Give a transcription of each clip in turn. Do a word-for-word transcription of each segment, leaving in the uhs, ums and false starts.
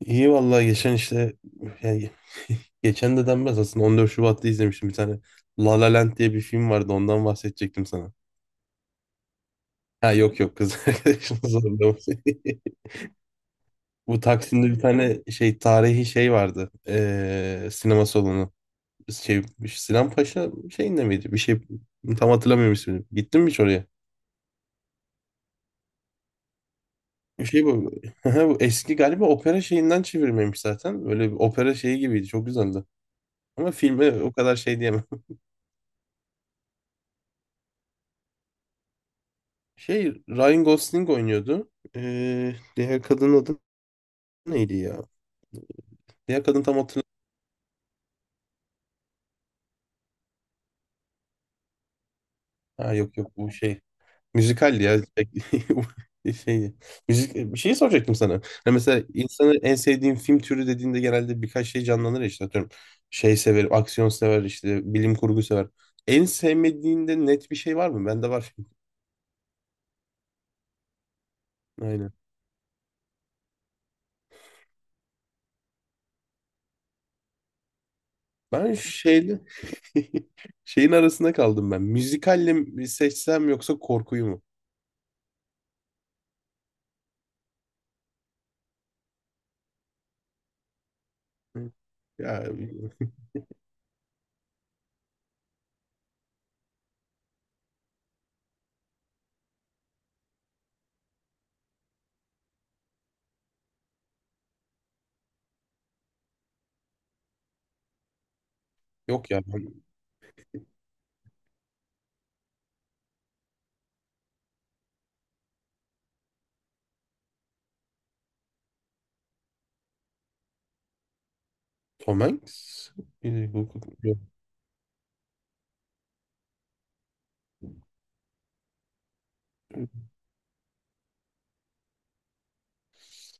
İyi vallahi geçen işte yani geçen de denmez aslında on dört Şubat'ta izlemiştim bir tane La La Land diye bir film vardı ondan bahsedecektim sana. Ha yok yok kız arkadaşım zorlamış. Bu Taksim'de bir tane şey tarihi şey vardı. Ee, sinema salonu. Şey, Sinan Paşa şeyinde miydi? Bir şey tam hatırlamıyorum ismini. Gittin mi hiç oraya? Bir şey bu. Bu eski galiba opera şeyinden çevirmemiş zaten. Böyle bir opera şeyi gibiydi. Çok güzeldi. Ama filme o kadar şey diyemem. Şey Ryan Gosling oynuyordu. Ee, diğer kadının adı neydi ya? Diğer kadın tam hatırlamıyorum. Ha yok yok bu şey. Müzikaldi ya. Şey, müzik, bir şey soracaktım sana. Hani mesela insanın en sevdiğin film türü dediğinde genelde birkaç şey canlanır ya işte atıyorum. Şey sever, aksiyon sever, işte bilim kurgu sever. En sevmediğinde net bir şey var mı? Bende var. Aynen. Ben şeyle şeyin arasında kaldım ben. Müzikalle mi seçsem yoksa korkuyu mu? Hı. Ya, yok ya ben. Tom Hanks. Billy bu. Yok,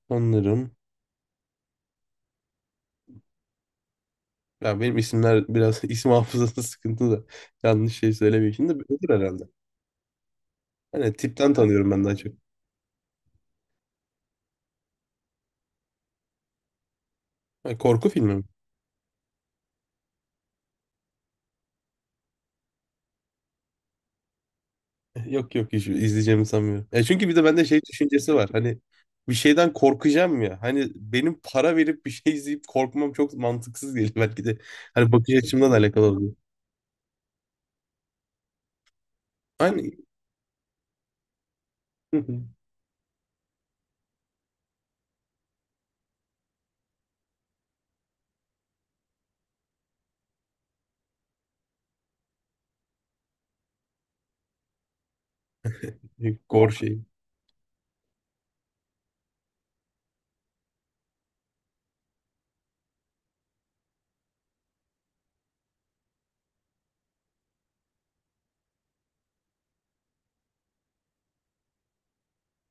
sanırım. Ya benim isimler biraz isim hafızası sıkıntı da yanlış şey söylemeyeyim şimdi de olur herhalde. Hani tipten tanıyorum ben daha çok. Ha, korku filmi mi? Yok yok, hiç izleyeceğimi sanmıyorum. Ya çünkü bir de bende şey düşüncesi var. Hani bir şeyden korkacağım ya. Hani benim para verip bir şey izleyip korkmam çok mantıksız geliyor belki de. Hani bakış açımla da alakalı oluyor. Hani gor şey.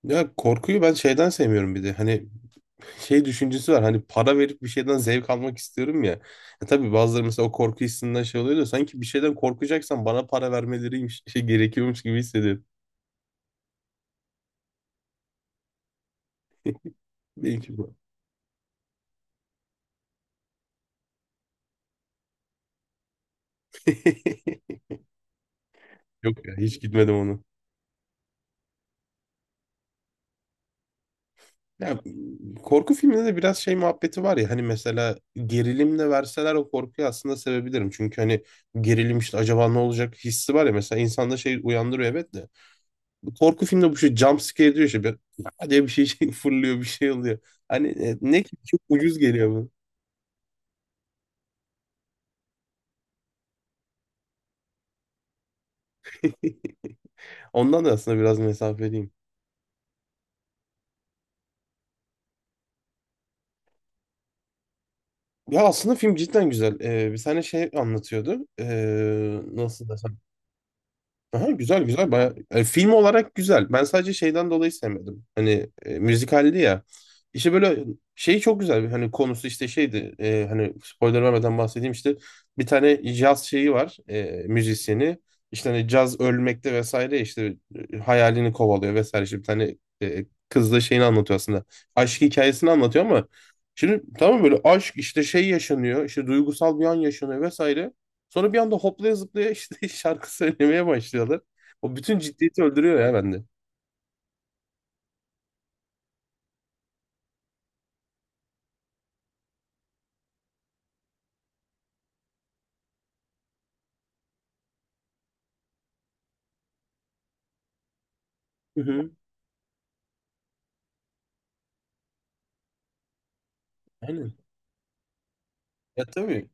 Ya korkuyu ben şeyden sevmiyorum bir de. Hani şey düşüncesi var, hani para verip bir şeyden zevk almak istiyorum ya. E tabii bazıları mesela o korku hissinden şey oluyor da sanki bir şeyden korkacaksan bana para vermeleriymiş şey gerekiyormuş gibi hissediyorum. Belki bu. Yok ya, hiç gitmedim onu. Ya korku filminde de biraz şey muhabbeti var ya, hani mesela gerilimle verseler o korkuyu aslında sevebilirim. Çünkü hani gerilim işte acaba ne olacak hissi var ya, mesela insanda şey uyandırıyor evet de. Bu korku filmde bu şey jump scare diyor işte. Bir, "Aa" diye bir şey, şey fırlıyor, bir şey oluyor. Hani e, ne ki çok ucuz geliyor bu. Ondan da aslında biraz mesafeliyim. Ya aslında film cidden güzel. Ee, bir tane şey anlatıyordu. Ee, nasıl desem. Aha, güzel güzel baya e, film olarak güzel. Ben sadece şeyden dolayı sevmedim. Hani e, müzikaldi ya. İşte böyle şey çok güzel. Hani konusu işte şeydi. E, hani spoiler vermeden bahsedeyim işte. Bir tane caz şeyi var. E, müzisyeni. İşte hani caz ölmekte vesaire işte e, hayalini kovalıyor vesaire. İşte bir tane e, kızla şeyini anlatıyor aslında. Aşk hikayesini anlatıyor ama şimdi tamam böyle aşk işte şey yaşanıyor. İşte duygusal bir an yaşanıyor vesaire. Sonra bir anda hoplaya zıplaya işte şarkı söylemeye başlıyorlar. O bütün ciddiyeti öldürüyor ya bende. Hı hı. Aynen. Ya tabii.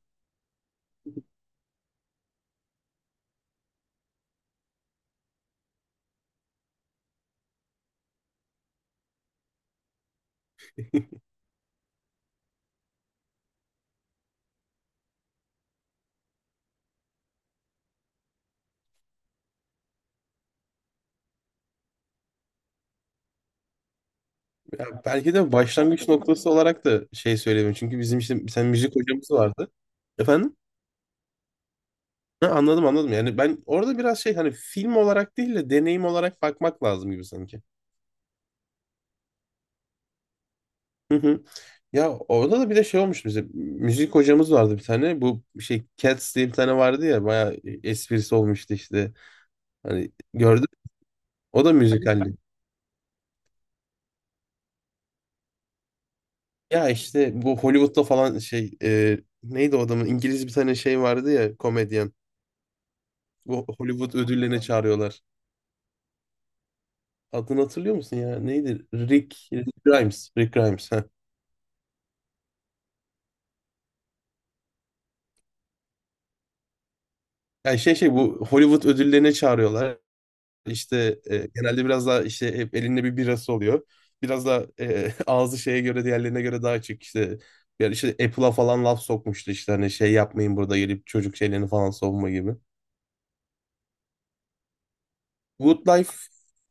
Ya belki de başlangıç noktası olarak da şey söyleyeyim. Çünkü bizim işte bir tane müzik hocamız vardı. Efendim? Ha, anladım anladım. Yani ben orada biraz şey, hani film olarak değil de deneyim olarak bakmak lazım gibi sanki. Hı hı. Ya orada da bir de şey olmuş bize. Müzik hocamız vardı bir tane. Bu şey Cats diye bir tane vardı ya. Bayağı esprisi olmuştu işte. Hani gördüm. O da müzikaldi. Ya işte bu Hollywood'da falan şey, e, neydi o adamın, İngiliz bir tane şey vardı ya komedyen. Bu Hollywood ödüllerine çağırıyorlar. Adını hatırlıyor musun ya? Neydi? Rick, Rick Grimes. Rick Grimes. Ha. Yani şey şey bu Hollywood ödüllerine çağırıyorlar. İşte e, genelde biraz daha işte hep elinde bir birası oluyor. Biraz da e, ağzı şeye göre, diğerlerine göre daha açık işte. Yani işte Apple'a falan laf sokmuştu işte, hani şey yapmayın burada gelip çocuk şeylerini falan savunma gibi. Good Life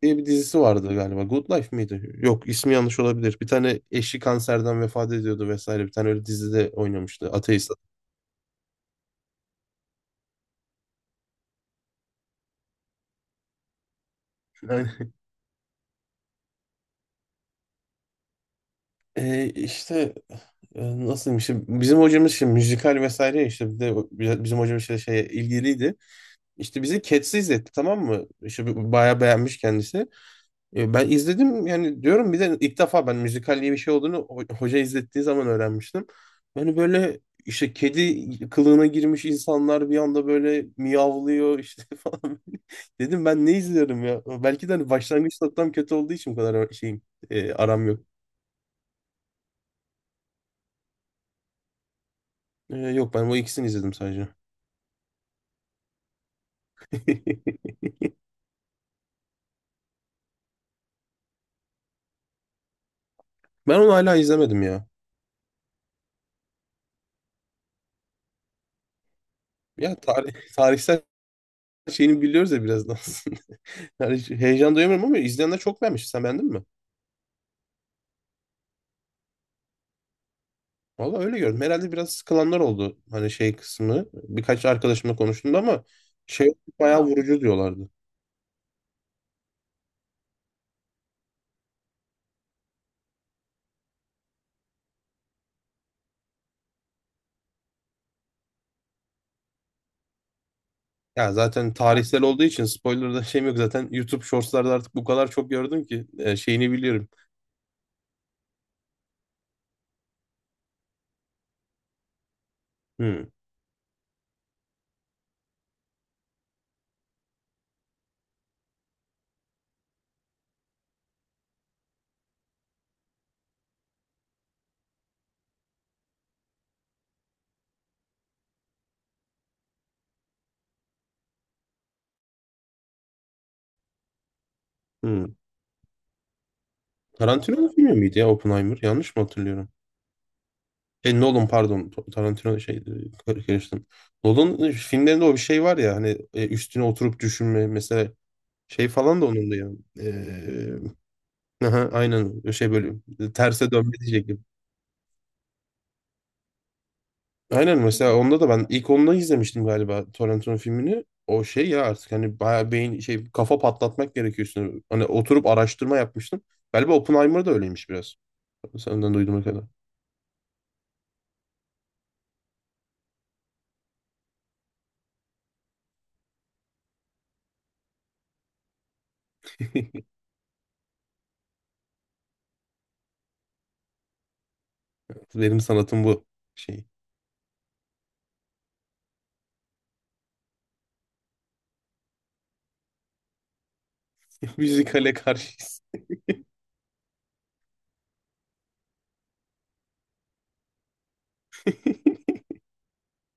diye bir dizisi vardı galiba. Good Life miydi? Yok, ismi yanlış olabilir. Bir tane eşi kanserden vefat ediyordu vesaire. Bir tane öyle dizide oynamıştı. Ateist. Yani, e, işte e, nasıl işte bizim hocamız şimdi müzikal vesaire ya, işte bir de o- bi- bizim hocamız şey şeye ilgiliydi. İşte bizi Cats'i izletti, tamam mı? İşte bi- bayağı beğenmiş kendisi. E, Ben izledim yani diyorum, bir de ilk defa ben müzikal diye bir şey olduğunu ho- hoca izlettiği zaman öğrenmiştim. Yani böyle işte kedi kılığına girmiş insanlar bir anda böyle miyavlıyor işte falan. Dedim ben ne izliyorum ya? Belki de hani başlangıç noktam kötü olduğu için bu kadar şeyim, e, aram yok. E, yok, ben o ikisini izledim sadece. Ben onu hala izlemedim ya. Ya tarih, tarihsel şeyini biliyoruz ya biraz da aslında. Yani heyecan duyamıyorum ama izleyenler çok beğenmiş. Sen beğendin mi? Valla öyle gördüm. Herhalde biraz sıkılanlar oldu. Hani şey kısmı. Birkaç arkadaşımla konuştum ama şey bayağı vurucu diyorlardı. Ya zaten tarihsel olduğu için spoiler'da şeyim yok. Zaten YouTube Shorts'larda artık bu kadar çok gördüm ki e, şeyini biliyorum. Hmm, hmm. Tarantino'nun filmi miydi ya Oppenheimer? Yanlış mı hatırlıyorum? E, Nolan, pardon. Ta- Tarantino şeydi. kar- Karıştım. Nolan e, filmlerinde o bir şey var ya, hani e, üstüne oturup düşünme mesela şey falan da onun da ya. E, aha, aynen şey böyle terse dönme diyecek. Aynen, mesela onda da ben ilk ondan izlemiştim galiba Torrentino filmini. O şey ya artık hani bayağı beyin şey kafa patlatmak gerekiyor üstüne. Hani oturup araştırma yapmıştım. Galiba Oppenheimer da öyleymiş biraz. Senden duyduğuma kadar. Benim sanatım bu şey. Müzikale karşı.